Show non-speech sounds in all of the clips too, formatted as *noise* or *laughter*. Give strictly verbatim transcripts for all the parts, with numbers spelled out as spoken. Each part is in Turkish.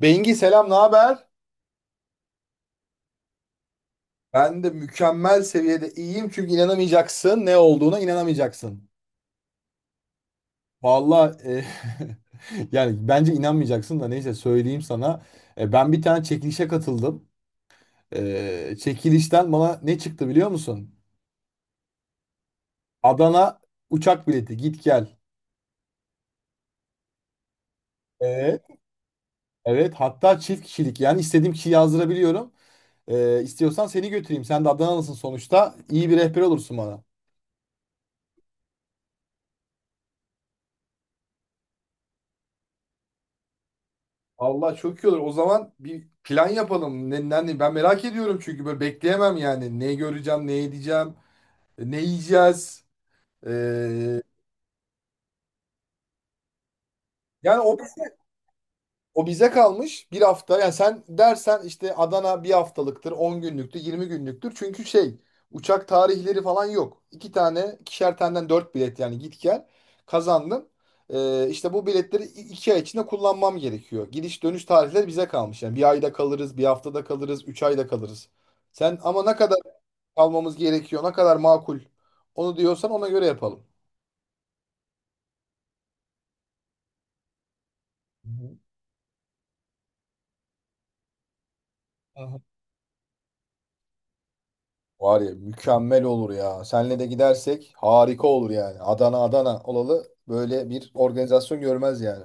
Bengi selam, ne haber? Ben de mükemmel seviyede iyiyim çünkü inanamayacaksın, ne olduğuna inanamayacaksın. Valla *laughs* yani bence inanmayacaksın da neyse söyleyeyim sana. E, ben bir tane çekilişe katıldım. E, çekilişten bana ne çıktı biliyor musun? Adana uçak bileti, git gel. Evet. Evet, hatta çift kişilik, yani istediğim kişiyi yazdırabiliyorum. E, istiyorsan seni götüreyim. Sen de Adanalısın sonuçta. İyi bir rehber olursun bana. Allah çok iyi olur. O zaman bir plan yapalım. Ne, ne- ben merak ediyorum çünkü böyle bekleyemem yani. Ne göreceğim, ne edeceğim, ne yiyeceğiz. Ee, yani o O bize kalmış, bir hafta. Yani sen dersen işte Adana bir haftalıktır, on günlüktür, yirmi günlüktür. Çünkü şey, uçak tarihleri falan yok. İki tane, ikişer taneden dört bilet, yani git gel kazandın. Ee, işte bu biletleri i- iki ay içinde kullanmam gerekiyor. Gidiş dönüş tarihleri bize kalmış. Yani bir ayda kalırız, bir haftada kalırız, üç ayda kalırız. Sen ama ne kadar kalmamız gerekiyor, ne kadar makul, onu diyorsan ona göre yapalım. Hı hı. Var ya, mükemmel olur ya. Senle de gidersek harika olur yani. Adana Adana olalı böyle bir organizasyon görmez yani.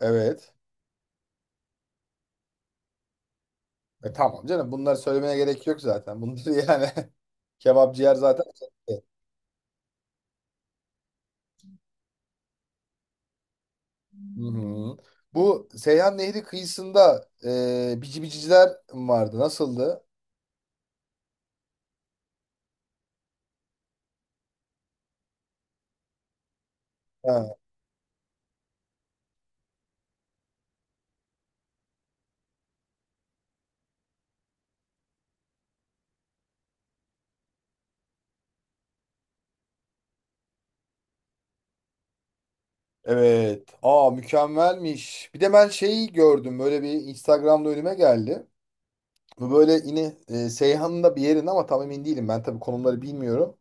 Evet. E tamam canım, bunları söylemene gerek yok zaten. Bunları *laughs* yani, kebap ciğer zaten. Hı-hı. Bu Seyhan Nehri kıyısında e, bici biciciler vardı? Nasıldı? Ha, evet. Aa, mükemmelmiş. Bir de ben şeyi gördüm. Böyle bir, Instagram'da önüme geldi. Bu böyle yine e, Seyhan'ın da bir yerinde ama tam emin değilim. Ben tabii konumları bilmiyorum.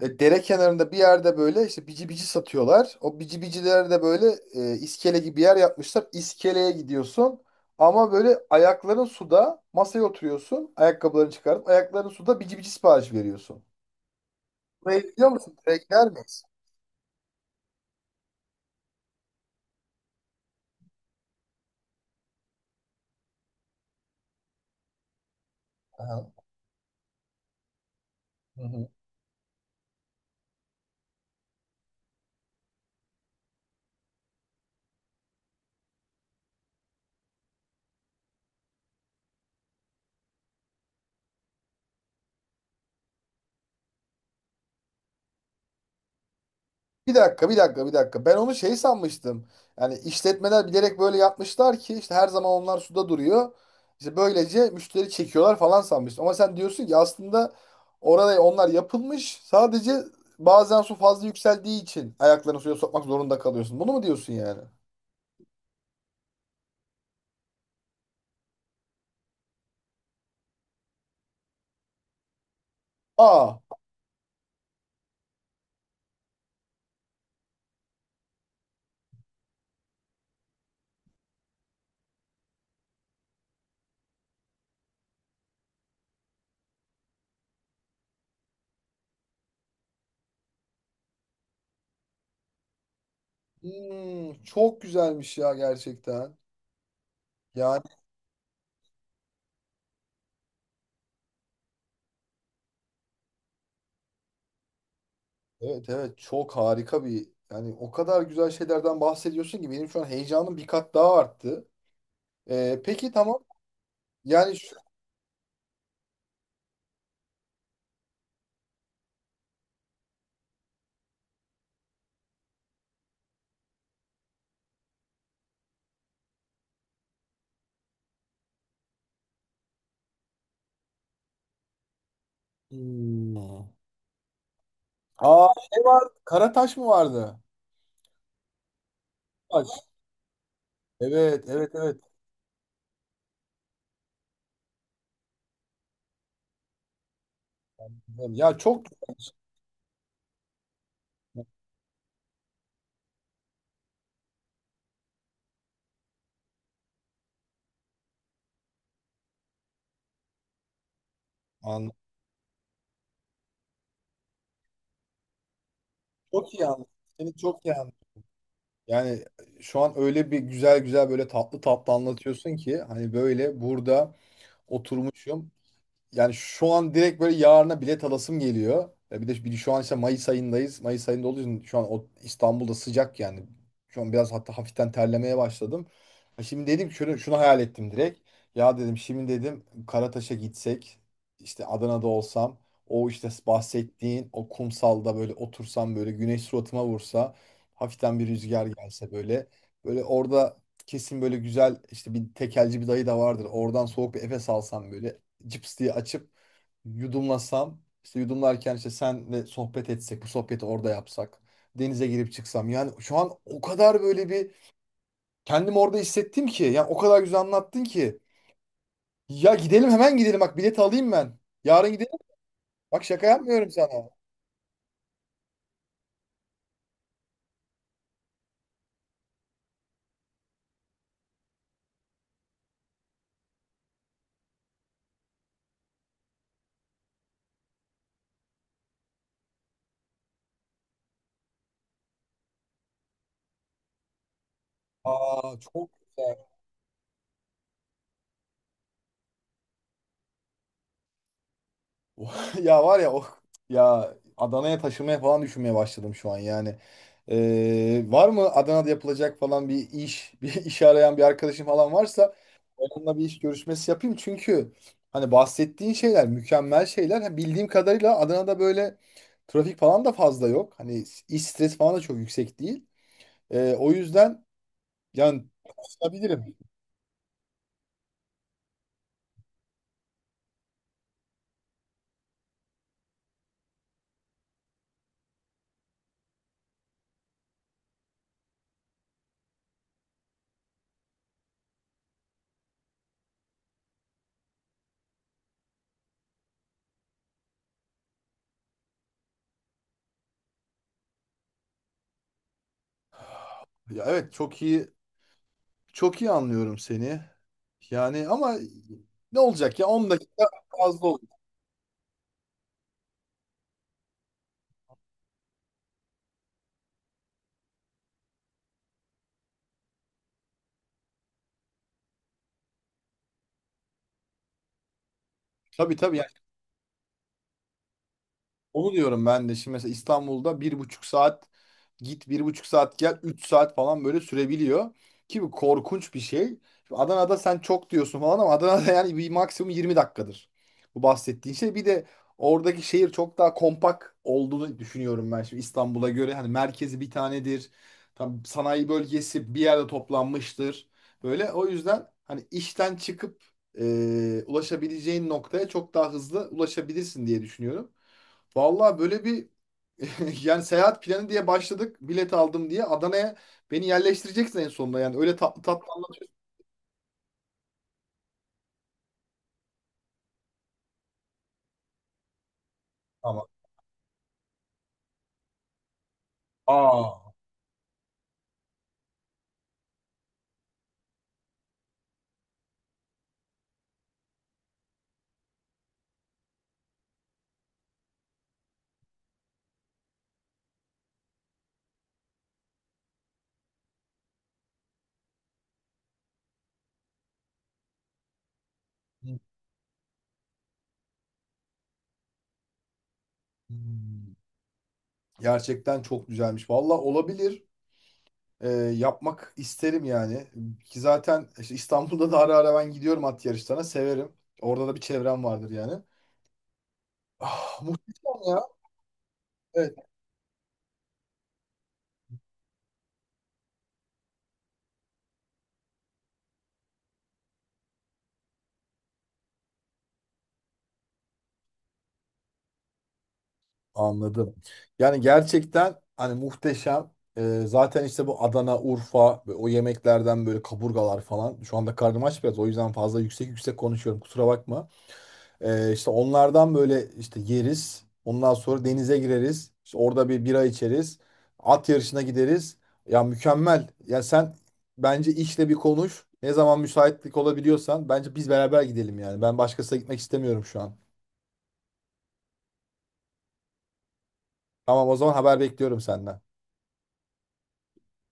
E, dere kenarında bir yerde böyle işte bici bici satıyorlar. O bici bicilere de böyle e, iskele gibi bir yer yapmışlar. İskeleye gidiyorsun ama böyle ayakların suda, masaya oturuyorsun. Ayakkabılarını çıkarıp ayakların suda bici bici sipariş veriyorsun. Burayı biliyor musun? Buraya gider miyiz? Aha. Hı hı. Bir dakika, bir dakika, bir dakika. Ben onu şey sanmıştım. Yani işletmeler bilerek böyle yapmışlar ki işte her zaman onlar suda duruyor. İşte böylece müşteri çekiyorlar falan sanmıştım. Ama sen diyorsun ki aslında orada onlar yapılmış. Sadece bazen su fazla yükseldiği için ayaklarını suya sokmak zorunda kalıyorsun. Bunu mu diyorsun yani? Aa. Hmm, çok güzelmiş ya, gerçekten. Yani evet, evet, çok harika bir, yani o kadar güzel şeylerden bahsediyorsun ki benim şu an heyecanım bir kat daha arttı. Ee, peki, tamam. Yani şu, Hmm. Aa, ne var? Karataş mı vardı? Bak, evet, evet, evet. Ya, çok anladım. Çok iyi anladım. Seni çok iyi anladım. Yani şu an öyle bir güzel güzel, böyle tatlı tatlı anlatıyorsun ki hani böyle burada oturmuşum. Yani şu an direkt böyle, yarına bilet alasım geliyor. E bir de bir, de şu an işte Mayıs ayındayız. Mayıs ayında olduğu için şu an o, İstanbul'da sıcak yani. Şu an biraz hatta hafiften terlemeye başladım. Ha, şimdi dedim ki, şunu, şunu hayal ettim direkt. Ya dedim, şimdi dedim, Karataş'a gitsek, işte Adana'da olsam, o işte bahsettiğin o kumsalda böyle otursam, böyle güneş suratıma vursa, hafiften bir rüzgar gelse, böyle böyle orada kesin böyle güzel işte bir tekelci bir dayı da vardır, oradan soğuk bir Efes alsam, böyle cips diye açıp yudumlasam, işte yudumlarken işte senle sohbet etsek, bu sohbeti orada yapsak, denize girip çıksam, yani şu an o kadar böyle bir kendimi orada hissettim ki, yani o kadar güzel anlattın ki ya, gidelim hemen, gidelim bak, bileti alayım ben, yarın gidelim. Bak, şaka yapmıyorum sana. Aa, çok güzel. *laughs* Ya var ya, oh, ya Adana'ya taşınmaya falan düşünmeye başladım şu an yani. Ee, var mı Adana'da yapılacak falan bir iş, *laughs* bir iş arayan bir arkadaşım falan varsa onunla bir iş görüşmesi yapayım. Çünkü hani bahsettiğin şeyler mükemmel şeyler. Ha, bildiğim kadarıyla Adana'da böyle trafik falan da fazla yok. Hani iş stresi falan da çok yüksek değil. Ee, o yüzden, yani konuşabilirim. Ya, evet, çok iyi. Çok iyi anlıyorum seni. Yani ama ne olacak ya, on dakika fazla oldu. Tabii, tabii. Onu diyorum ben de. Şimdi mesela İstanbul'da bir buçuk saat git, bir buçuk saat gel, üç saat falan böyle sürebiliyor. Ki bu korkunç bir şey. Şimdi Adana'da sen çok diyorsun falan ama Adana'da *laughs* yani bir maksimum yirmi dakikadır. Bu, bahsettiğin şey. Bir de oradaki şehir çok daha kompakt olduğunu düşünüyorum ben şimdi İstanbul'a göre. Hani merkezi bir tanedir. Tam, sanayi bölgesi bir yerde toplanmıştır. Böyle, o yüzden hani işten çıkıp e, ulaşabileceğin noktaya çok daha hızlı ulaşabilirsin diye düşünüyorum. Vallahi böyle bir *laughs* yani seyahat planı diye başladık. Bilet aldım diye Adana'ya beni yerleştireceksin en sonunda. Yani öyle tatlı tatlı anlatıyorsun ama. Aa. Hmm. Gerçekten çok güzelmiş. Vallahi, olabilir. Ee, yapmak isterim yani. Ki zaten işte İstanbul'da da ara ara ben gidiyorum at yarışlarına. Severim. Orada da bir çevrem vardır yani. Ah, muhteşem ya. Evet. Anladım. Yani gerçekten hani muhteşem. Ee, zaten işte bu Adana, Urfa ve o yemeklerden böyle kaburgalar falan. Şu anda karnım aç biraz. O yüzden fazla yüksek yüksek konuşuyorum. Kusura bakma. Ee, işte onlardan böyle işte yeriz. Ondan sonra denize gireriz. İşte orada bir bira içeriz. At yarışına gideriz. Ya mükemmel. Ya sen, bence işle bir konuş. Ne zaman müsaitlik olabiliyorsan bence biz beraber gidelim yani. Ben başkasına gitmek istemiyorum şu an. Tamam, o zaman haber bekliyorum senden.